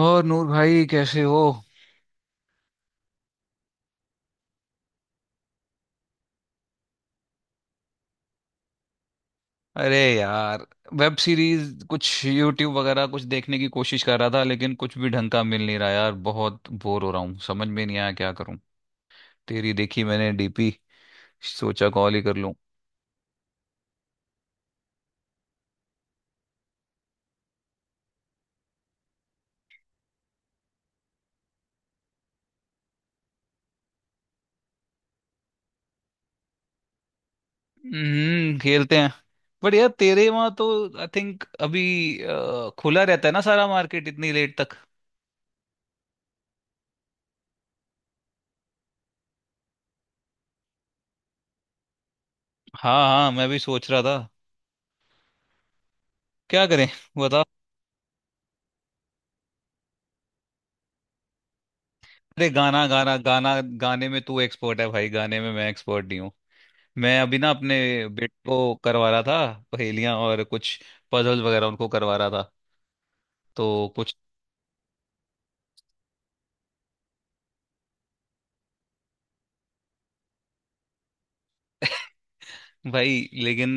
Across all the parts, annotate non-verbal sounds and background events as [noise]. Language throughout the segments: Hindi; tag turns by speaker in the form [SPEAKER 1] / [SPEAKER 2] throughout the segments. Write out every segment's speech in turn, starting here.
[SPEAKER 1] और नूर भाई कैसे हो। अरे यार, वेब सीरीज कुछ यूट्यूब वगैरह कुछ देखने की कोशिश कर रहा था लेकिन कुछ भी ढंग का मिल नहीं रहा यार। बहुत बोर हो रहा हूँ, समझ में नहीं आया क्या करूँ। तेरी देखी मैंने डीपी, सोचा कॉल ही कर लूँ। हम्म, खेलते हैं। बट यार तेरे वहां तो आई थिंक अभी खुला रहता है ना सारा मार्केट इतनी लेट तक। हाँ हाँ, मैं भी सोच रहा था क्या करें। बता। अरे गाना गाना गाना, गाने में तू एक्सपर्ट है भाई, गाने में मैं एक्सपर्ट नहीं हूँ। मैं अभी ना अपने बेटे को करवा रहा था पहेलियां और कुछ पजल वगैरह उनको करवा रहा था तो कुछ। भाई लेकिन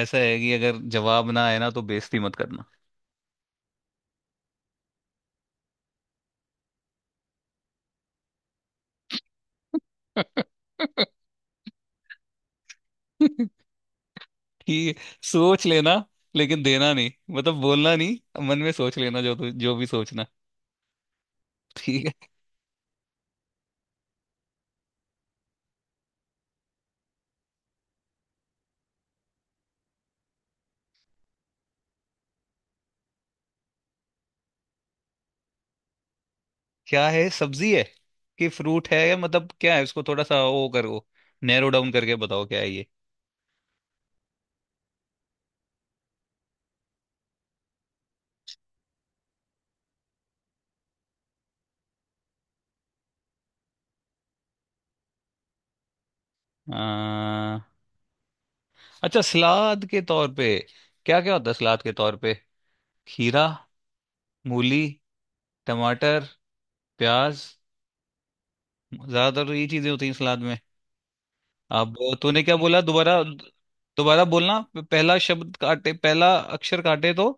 [SPEAKER 1] ऐसा है कि अगर जवाब ना आए ना तो बेइज्जती मत करना। [laughs] ठीक है, सोच लेना लेकिन देना नहीं, मतलब बोलना नहीं, मन में सोच लेना जो भी सोचना। ठीक है। क्या है, सब्जी है कि फ्रूट है या मतलब क्या है? इसको थोड़ा सा वो करो, नैरो डाउन करके बताओ क्या है ये। आ, अच्छा सलाद के तौर पे। क्या क्या होता है सलाद के तौर पे? खीरा, मूली, टमाटर, प्याज, ज्यादातर यही चीजें होती हैं सलाद में। अब तूने क्या बोला दोबारा? दोबारा बोलना। पहला शब्द काटे, पहला अक्षर काटे तो?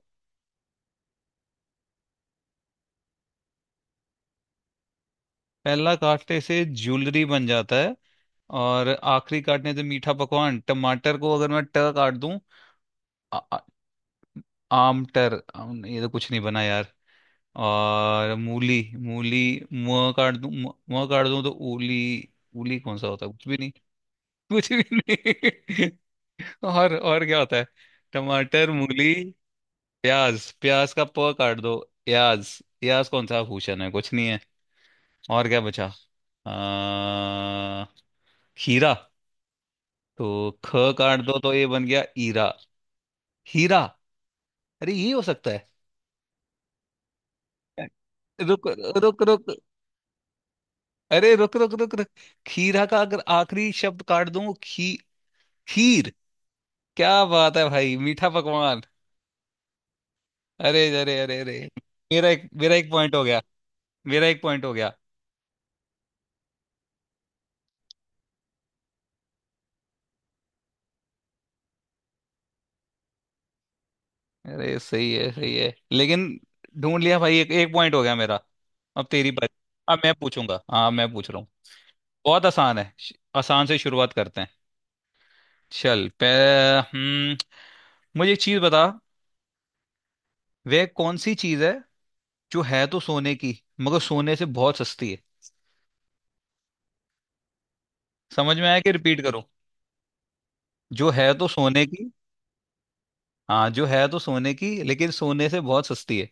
[SPEAKER 1] पहला काटने से ज्वेलरी बन जाता है और आखिरी काटने से मीठा पकवान। टमाटर को अगर मैं ट काट दूं। आ, आ- आमटर, आम, ये तो कुछ नहीं बना यार। और मूली, मूली म काट दूं, म म काट दूं तो उली। उली कौन सा होता है, कुछ भी? कुछ भी नहीं। [laughs] और क्या होता है? टमाटर, मूली, प्याज, प्याज का प काट दो, प्याज। प्याज कौन सा भूषण है, कुछ नहीं है। और क्या बचा? आ, खीरा। तो ख काट दो तो ये बन गया ईरा, हीरा, अरे ये हो सकता है। रुक रुक रुक, अरे रुक रुक रुक रुक। खीरा का अगर आखिरी शब्द काट दूं, खी, खीर। क्या बात है भाई, मीठा पकवान। अरे अरे अरे अरे, मेरा एक पॉइंट हो गया। मेरा एक पॉइंट हो गया। अरे सही है सही है, लेकिन ढूंढ लिया भाई, एक एक पॉइंट हो गया मेरा। अब तेरी बारी। अब मैं पूछूंगा, हाँ मैं पूछ रहा हूँ। बहुत आसान है, आसान से शुरुआत करते हैं। चल पे। हम्म। मुझे एक चीज बता, वह कौन सी चीज है जो है तो सोने की मगर सोने से बहुत सस्ती है? समझ में आया कि रिपीट करो? जो है तो सोने की। हाँ, जो है तो सोने की लेकिन सोने से बहुत सस्ती है।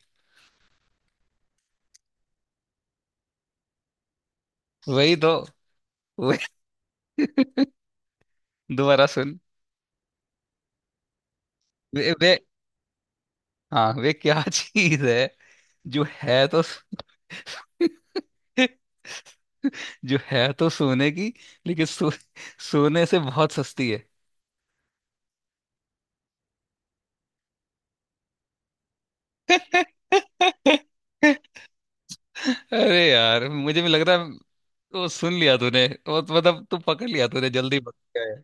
[SPEAKER 1] वही तो, वही। [laughs] दोबारा सुन। वे, वे, हाँ वे क्या [laughs] चीज है जो है तो [laughs] जो है तो सोने की लेकिन सोने से बहुत सस्ती है। [laughs] अरे यार मुझे भी लग रहा है। वो सुन लिया तूने, वो तो मतलब तू पकड़ लिया, तूने जल्दी पकड़ लिया।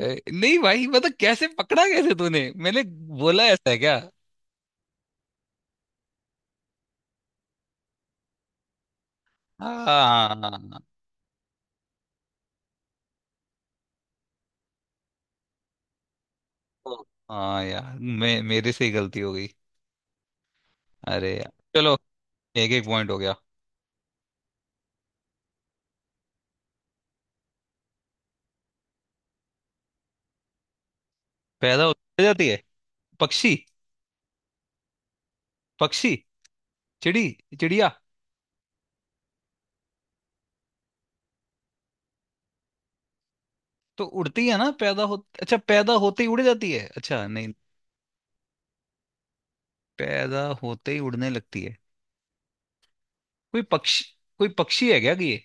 [SPEAKER 1] है नहीं भाई मतलब कैसे पकड़ा, कैसे तूने, मैंने बोला ऐसा है क्या? हाँ। ओ, हाँ यार, मैं मेरे से ही गलती हो गई। अरे यार चलो, एक एक पॉइंट हो गया। पैदा हो जाती है। पक्षी। पक्षी, चिड़ी, चिड़िया। तो उड़ती है ना पैदा हो। अच्छा, पैदा होते ही उड़ जाती है? अच्छा नहीं। पैदा होते ही उड़ने लगती है? कोई पक्षी? कोई पक्षी है क्या कि ये?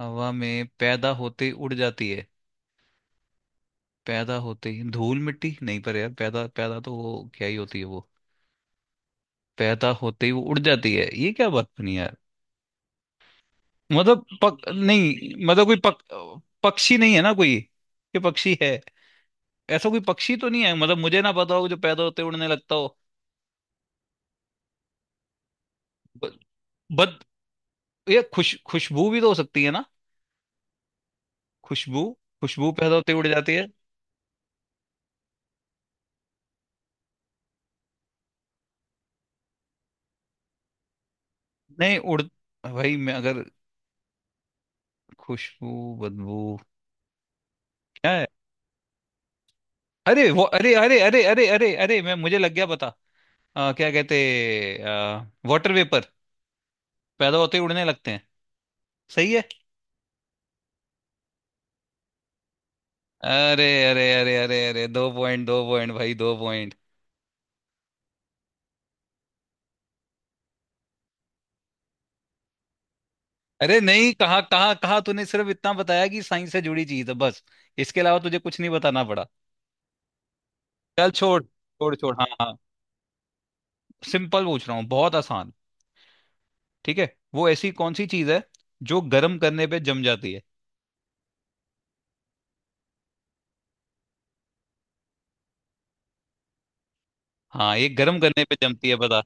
[SPEAKER 1] हवा में पैदा होते ही उड़ जाती है। पैदा होते ही धूल मिट्टी, नहीं पर यार, पैदा, पैदा तो वो क्या ही होती है वो। पैदा होते ही वो उड़ जाती है, ये क्या बात बनी यार। मतलब पक, नहीं मतलब कोई पक, पक्षी नहीं है ना कोई? ये पक्षी है? ऐसा कोई पक्षी तो नहीं है मतलब मुझे ना पता हो जो पैदा होते ही उड़ने लगता हो। ब- बत, ये खुश, खुशबू भी तो हो सकती है ना? खुशबू, खुशबू पैदा होते उड़ जाती है। नहीं उड़, भाई मैं अगर, खुशबू, बदबू, क्या है? अरे वो, अरे अरे अरे अरे अरे अरे मैं, मुझे लग गया पता। क्या कहते, वाटर वेपर, पैदा होते ही उड़ने लगते हैं। सही है। अरे अरे अरे अरे अरे, दो पॉइंट, दो पॉइंट भाई, दो पॉइंट। अरे नहीं, कहा कहा कहा तूने सिर्फ इतना बताया कि साइंस से जुड़ी चीज है बस, इसके अलावा तुझे कुछ नहीं बताना पड़ा। चल छोड़ छोड़ छोड़, हाँ हाँ। सिंपल पूछ रहा हूँ, बहुत आसान। ठीक है, वो ऐसी कौन सी चीज है जो गर्म करने पे जम जाती है? हाँ, ये गर्म करने पे जमती है, बता।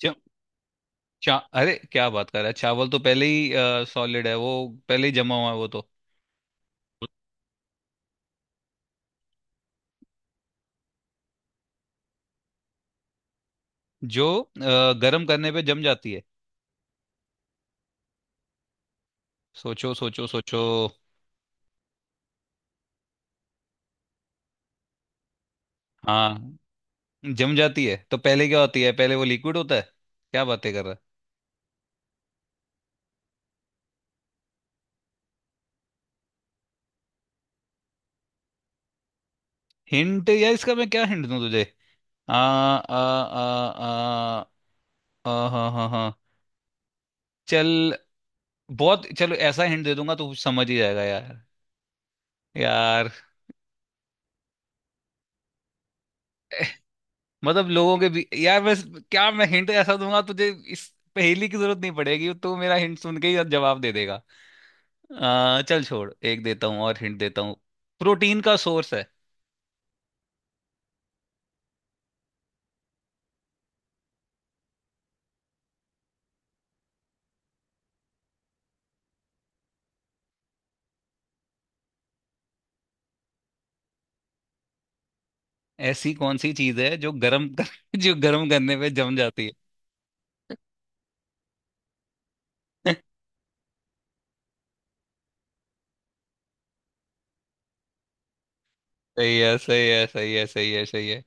[SPEAKER 1] जम, चा, अरे क्या बात कर रहा है, चावल तो पहले ही सॉलिड है वो, पहले ही जमा हुआ है वो तो। जो गर्म करने पे जम जाती है। सोचो सोचो सोचो। हाँ, जम जाती है तो पहले क्या होती है, पहले वो लिक्विड होता है। क्या बातें कर रहा है। हिंट या इसका मैं क्या हिंट दूं तुझे। आ आ आ आ आ हाँ हाँ हाँ। चल। बहुत चलो, ऐसा हिंट दे दूंगा तो समझ ही जाएगा यार। यार, मतलब लोगों के भी यार बस, क्या मैं हिंट ऐसा दूंगा तुझे इस पहेली की जरूरत नहीं पड़ेगी, तू मेरा हिंट सुन के ही जवाब दे देगा। चल छोड़, एक देता हूँ और हिंट देता हूँ, प्रोटीन का सोर्स है। ऐसी कौन सी चीज है जो [laughs] जो गर्म करने पे जम जाती है। [laughs] सही है सही है।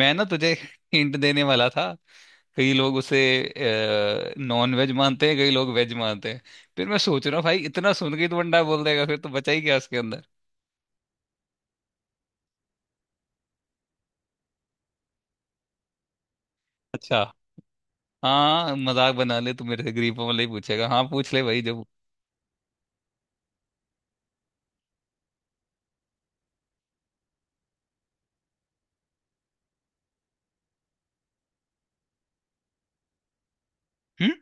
[SPEAKER 1] मैं ना तुझे हिंट देने वाला था, कई लोग उसे नॉन वेज मानते हैं, कई लोग वेज मानते हैं। फिर मैं सोच रहा हूँ भाई इतना सुन के ही तो बंदा बोल देगा, फिर तो बचा ही क्या उसके अंदर। अच्छा, हाँ मजाक बना ले तू मेरे से, गरीबों वाला ही पूछेगा, हाँ पूछ ले भाई जब। हम्म,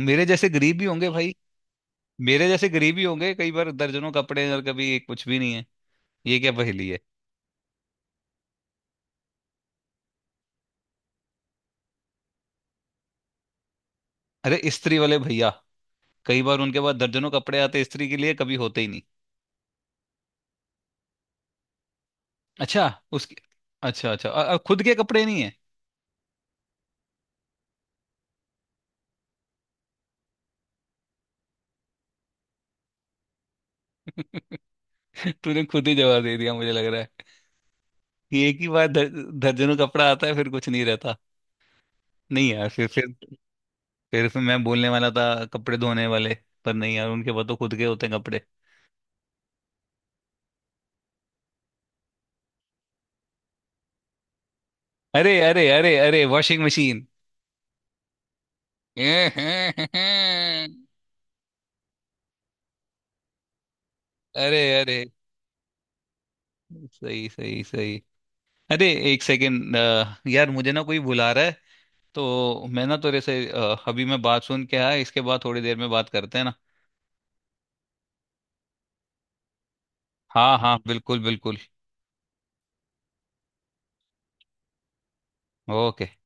[SPEAKER 1] मेरे जैसे गरीब भी होंगे भाई। मेरे जैसे गरीब ही होंगे, कई बार दर्जनों कपड़े हैं और कभी कुछ भी नहीं है। ये क्या पहेली है। अरे इस्त्री वाले भैया, कई बार उनके पास दर्जनों कपड़े आते हैं इस्त्री के लिए, कभी होते ही नहीं। अच्छा, उसकी, अच्छा अच्छा खुद के कपड़े नहीं है। [laughs] तूने खुद ही जवाब दे दिया, मुझे लग रहा है कि एक ही बार दर्जनों कपड़ा आता है फिर कुछ नहीं रहता। नहीं यार, फिर फिर मैं बोलने वाला था कपड़े धोने वाले, पर नहीं यार उनके पास तो खुद के होते हैं कपड़े। अरे अरे, वॉशिंग मशीन। [laughs] अरे, अरे, सही सही सही। अरे एक सेकेंड, यार मुझे ना कोई बुला रहा है, तो मैं ना तेरे से अभी मैं बात सुन के आया, इसके बाद थोड़ी देर में बात करते हैं ना। हाँ हाँ बिल्कुल बिल्कुल। ओके।